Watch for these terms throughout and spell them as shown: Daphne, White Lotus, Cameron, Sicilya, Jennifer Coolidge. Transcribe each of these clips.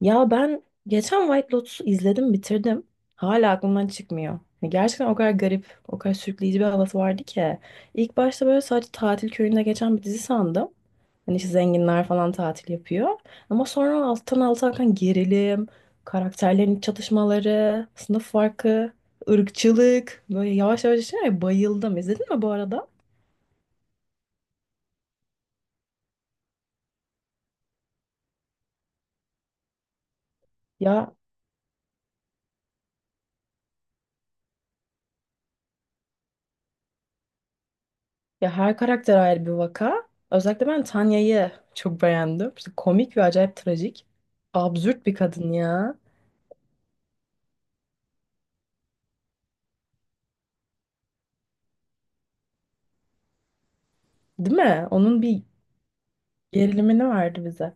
Ya ben geçen White Lotus'u izledim, bitirdim. Hala aklımdan çıkmıyor. Ya gerçekten o kadar garip, o kadar sürükleyici bir havası vardı ki. İlk başta böyle sadece tatil köyünde geçen bir dizi sandım. Hani işte zenginler falan tatil yapıyor. Ama sonra alttan alta akan gerilim, karakterlerin iç çatışmaları, sınıf farkı, ırkçılık. Böyle yavaş yavaş bayıldım. İzledin mi bu arada? Ya Ya, her karakter ayrı bir vaka. Özellikle ben Tanya'yı çok beğendim. İşte komik ve acayip trajik. Absürt bir kadın ya. Değil mi? Onun bir gerilimini verdi bize.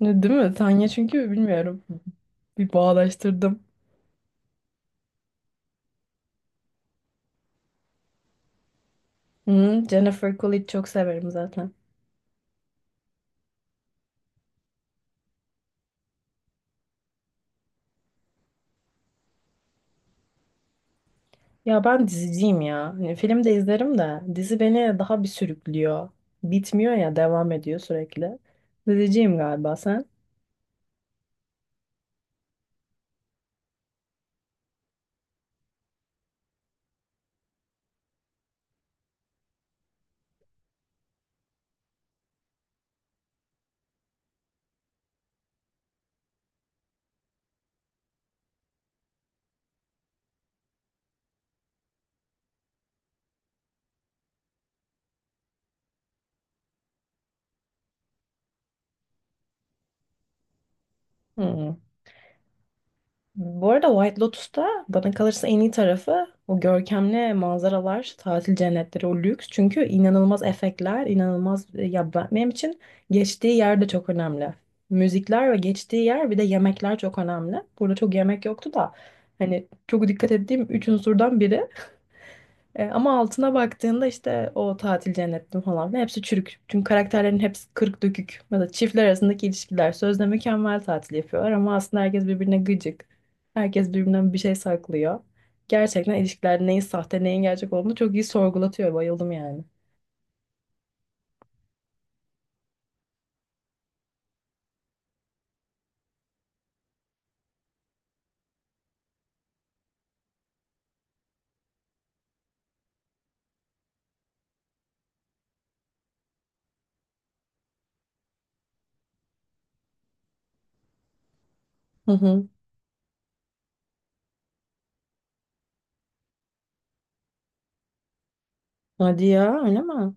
Ne, değil mi? Tanya çünkü bilmiyorum. Bir bağdaştırdım. Hı, Jennifer Coolidge çok severim zaten. Ya ben diziciyim ya. Hani film de izlerim de dizi beni daha bir sürüklüyor. Bitmiyor ya, devam ediyor sürekli. Diziciyim galiba sen. Hı. Bu arada White Lotus'ta bana kalırsa en iyi tarafı o görkemli manzaralar, tatil cennetleri, o lüks. Çünkü inanılmaz efektler, inanılmaz ya benim için geçtiği yer de çok önemli. Müzikler ve geçtiği yer bir de yemekler çok önemli. Burada çok yemek yoktu da hani çok dikkat ettiğim üç unsurdan biri. Ama altına baktığında işte o tatil cennetli falan filan hepsi çürük. Çünkü karakterlerin hepsi kırık dökük. Ya da çiftler arasındaki ilişkiler sözde mükemmel, tatil yapıyorlar ama aslında herkes birbirine gıcık. Herkes birbirinden bir şey saklıyor. Gerçekten ilişkiler neyin sahte neyin gerçek olduğunu çok iyi sorgulatıyor. Bayıldım yani. Hı hı. Hadi ya, öyle mi?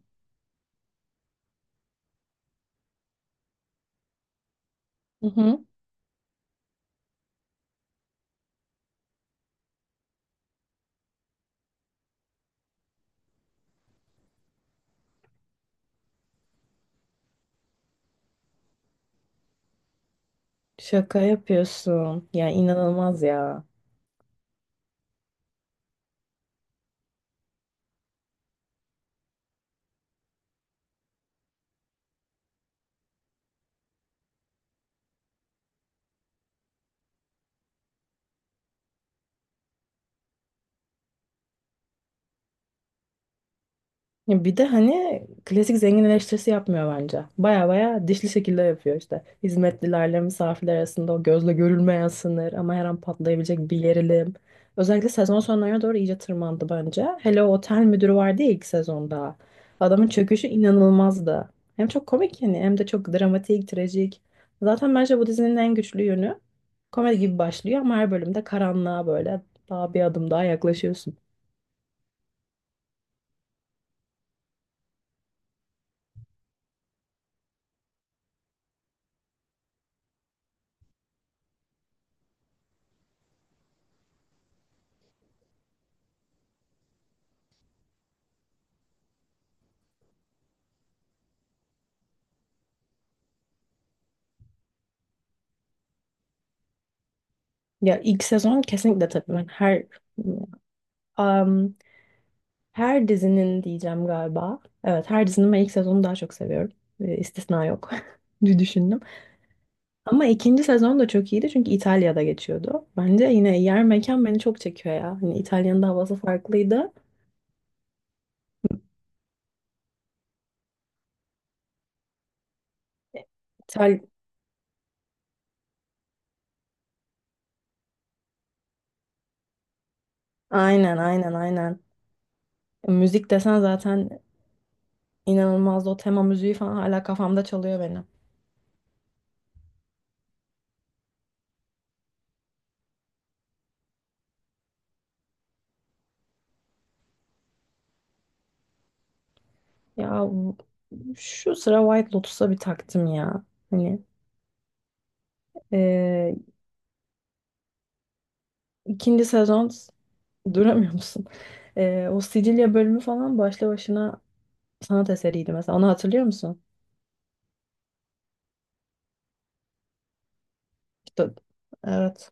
Hı hı. Şaka yapıyorsun. Ya inanılmaz ya. Ya bir de hani klasik zengin eleştirisi yapmıyor bence. Baya baya dişli şekilde yapıyor işte. Hizmetlilerle misafirler arasında o gözle görülmeyen sınır ama her an patlayabilecek bir gerilim. Özellikle sezon sonlarına doğru iyice tırmandı bence. Hele o otel müdürü vardı ya ilk sezonda. Adamın çöküşü inanılmazdı. Hem çok komik yani hem de çok dramatik, trajik. Zaten bence bu dizinin en güçlü yönü, komedi gibi başlıyor ama her bölümde karanlığa böyle daha bir adım daha yaklaşıyorsun. Ya ilk sezon kesinlikle, tabii ben Am, her dizinin diyeceğim galiba. Evet, her dizinin ben ilk sezonu daha çok seviyorum. E, istisna yok. diye düşündüm. Ama ikinci sezon da çok iyiydi çünkü İtalya'da geçiyordu. Bence yine yer mekan beni çok çekiyor ya. Hani İtalya'nın da havası farklıydı. İtal aynen, aynen, aynen. Müzik desen zaten inanılmazdı. O tema müziği falan hala kafamda çalıyor benim. Ya bu- Şu sıra White Lotus'a bir taktım ya. Hani e, ikinci sezon. Duramıyor musun? O Sicilya bölümü falan başlı başına sanat eseriydi mesela. Onu hatırlıyor musun? İşte- evet.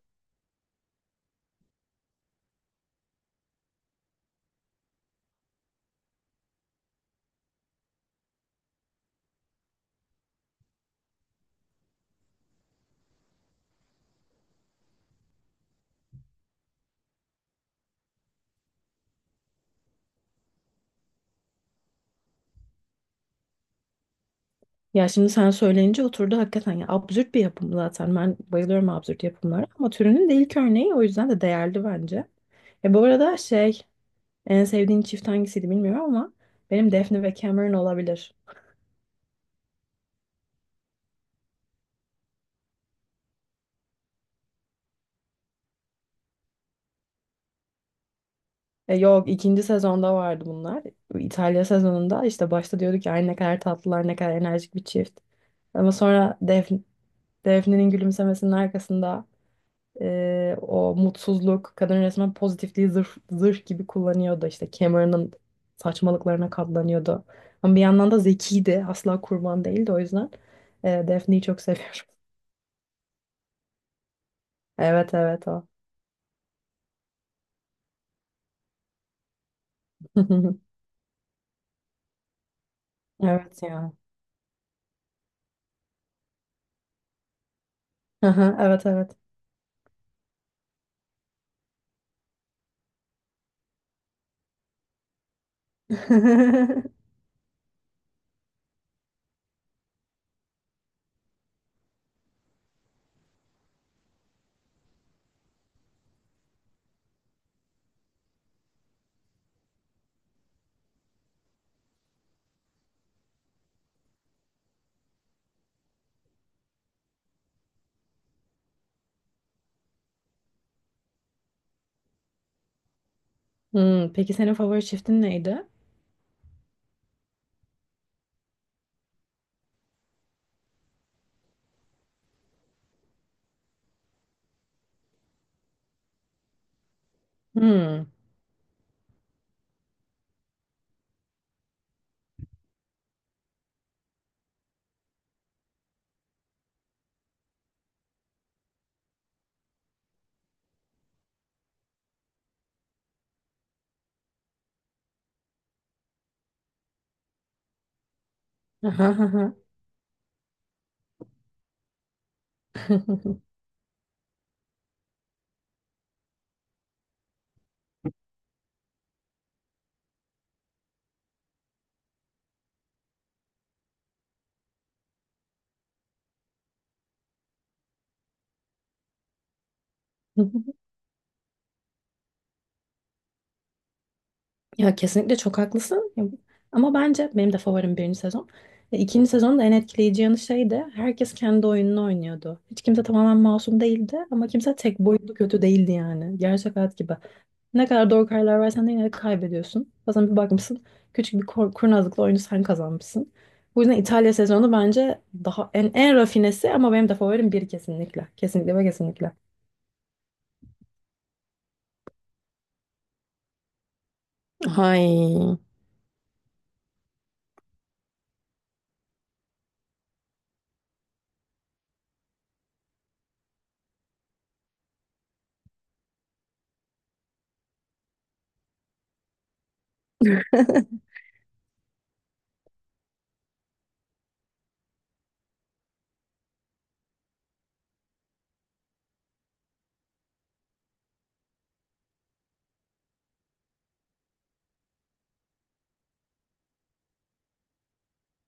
Ya şimdi sen söyleyince oturdu hakikaten. Ya absürt bir yapım zaten. Ben bayılıyorum absürt yapımlara ama türünün de ilk örneği, o yüzden de değerli bence. Bu arada, en sevdiğin çift hangisiydi bilmiyorum ama benim Daphne ve Cameron olabilir. E yok, ikinci sezonda vardı bunlar. İtalya sezonunda işte başta diyorduk ya, "Ay ne kadar tatlılar, ne kadar enerjik bir çift. Ama sonra Def Defne'nin gülümsemesinin arkasında o mutsuzluk, kadın resmen pozitifliği zırh gibi kullanıyordu. İşte Cameron'ın saçmalıklarına katlanıyordu. Ama bir yandan da zekiydi. Asla kurban değildi o yüzden. E, Daphne'yi çok seviyorum. Evet, evet, o. Evet ya. Aha, evet, evet. Hmm, peki senin favori çiftin neydi? Hmm. Ya kesinlikle çok haklısın. Ama bence benim de favorim birinci sezon. E, İkinci sezonun da en etkileyici yanı şeydi. Herkes kendi oyununu oynuyordu. Hiç kimse tamamen masum değildi ama kimse tek boyutlu kötü değildi yani. Gerçek hayat gibi. Ne kadar doğru kararlar versen de yine de kaybediyorsun. Bazen bir bakmışsın küçük bir kurnazlıkla oyunu sen kazanmışsın. Bu yüzden İtalya sezonu bence daha en rafinesi ama benim de favorim bir, kesinlikle. Kesinlikle ve kesinlikle. Hay.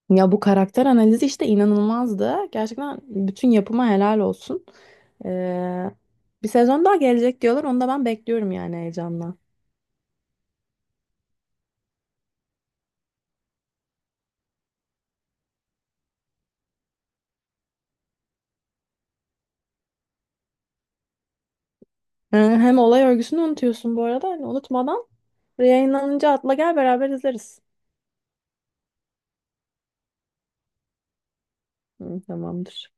Ya bu karakter analizi işte inanılmazdı. Gerçekten bütün yapıma helal olsun. Ee, Bir sezon daha gelecek diyorlar. Onu da ben bekliyorum yani heyecanla. Hem olay örgüsünü unutuyorsun bu arada. Hani unutmadan yayınlanınca atla gel, beraber izleriz. Hı, tamamdır.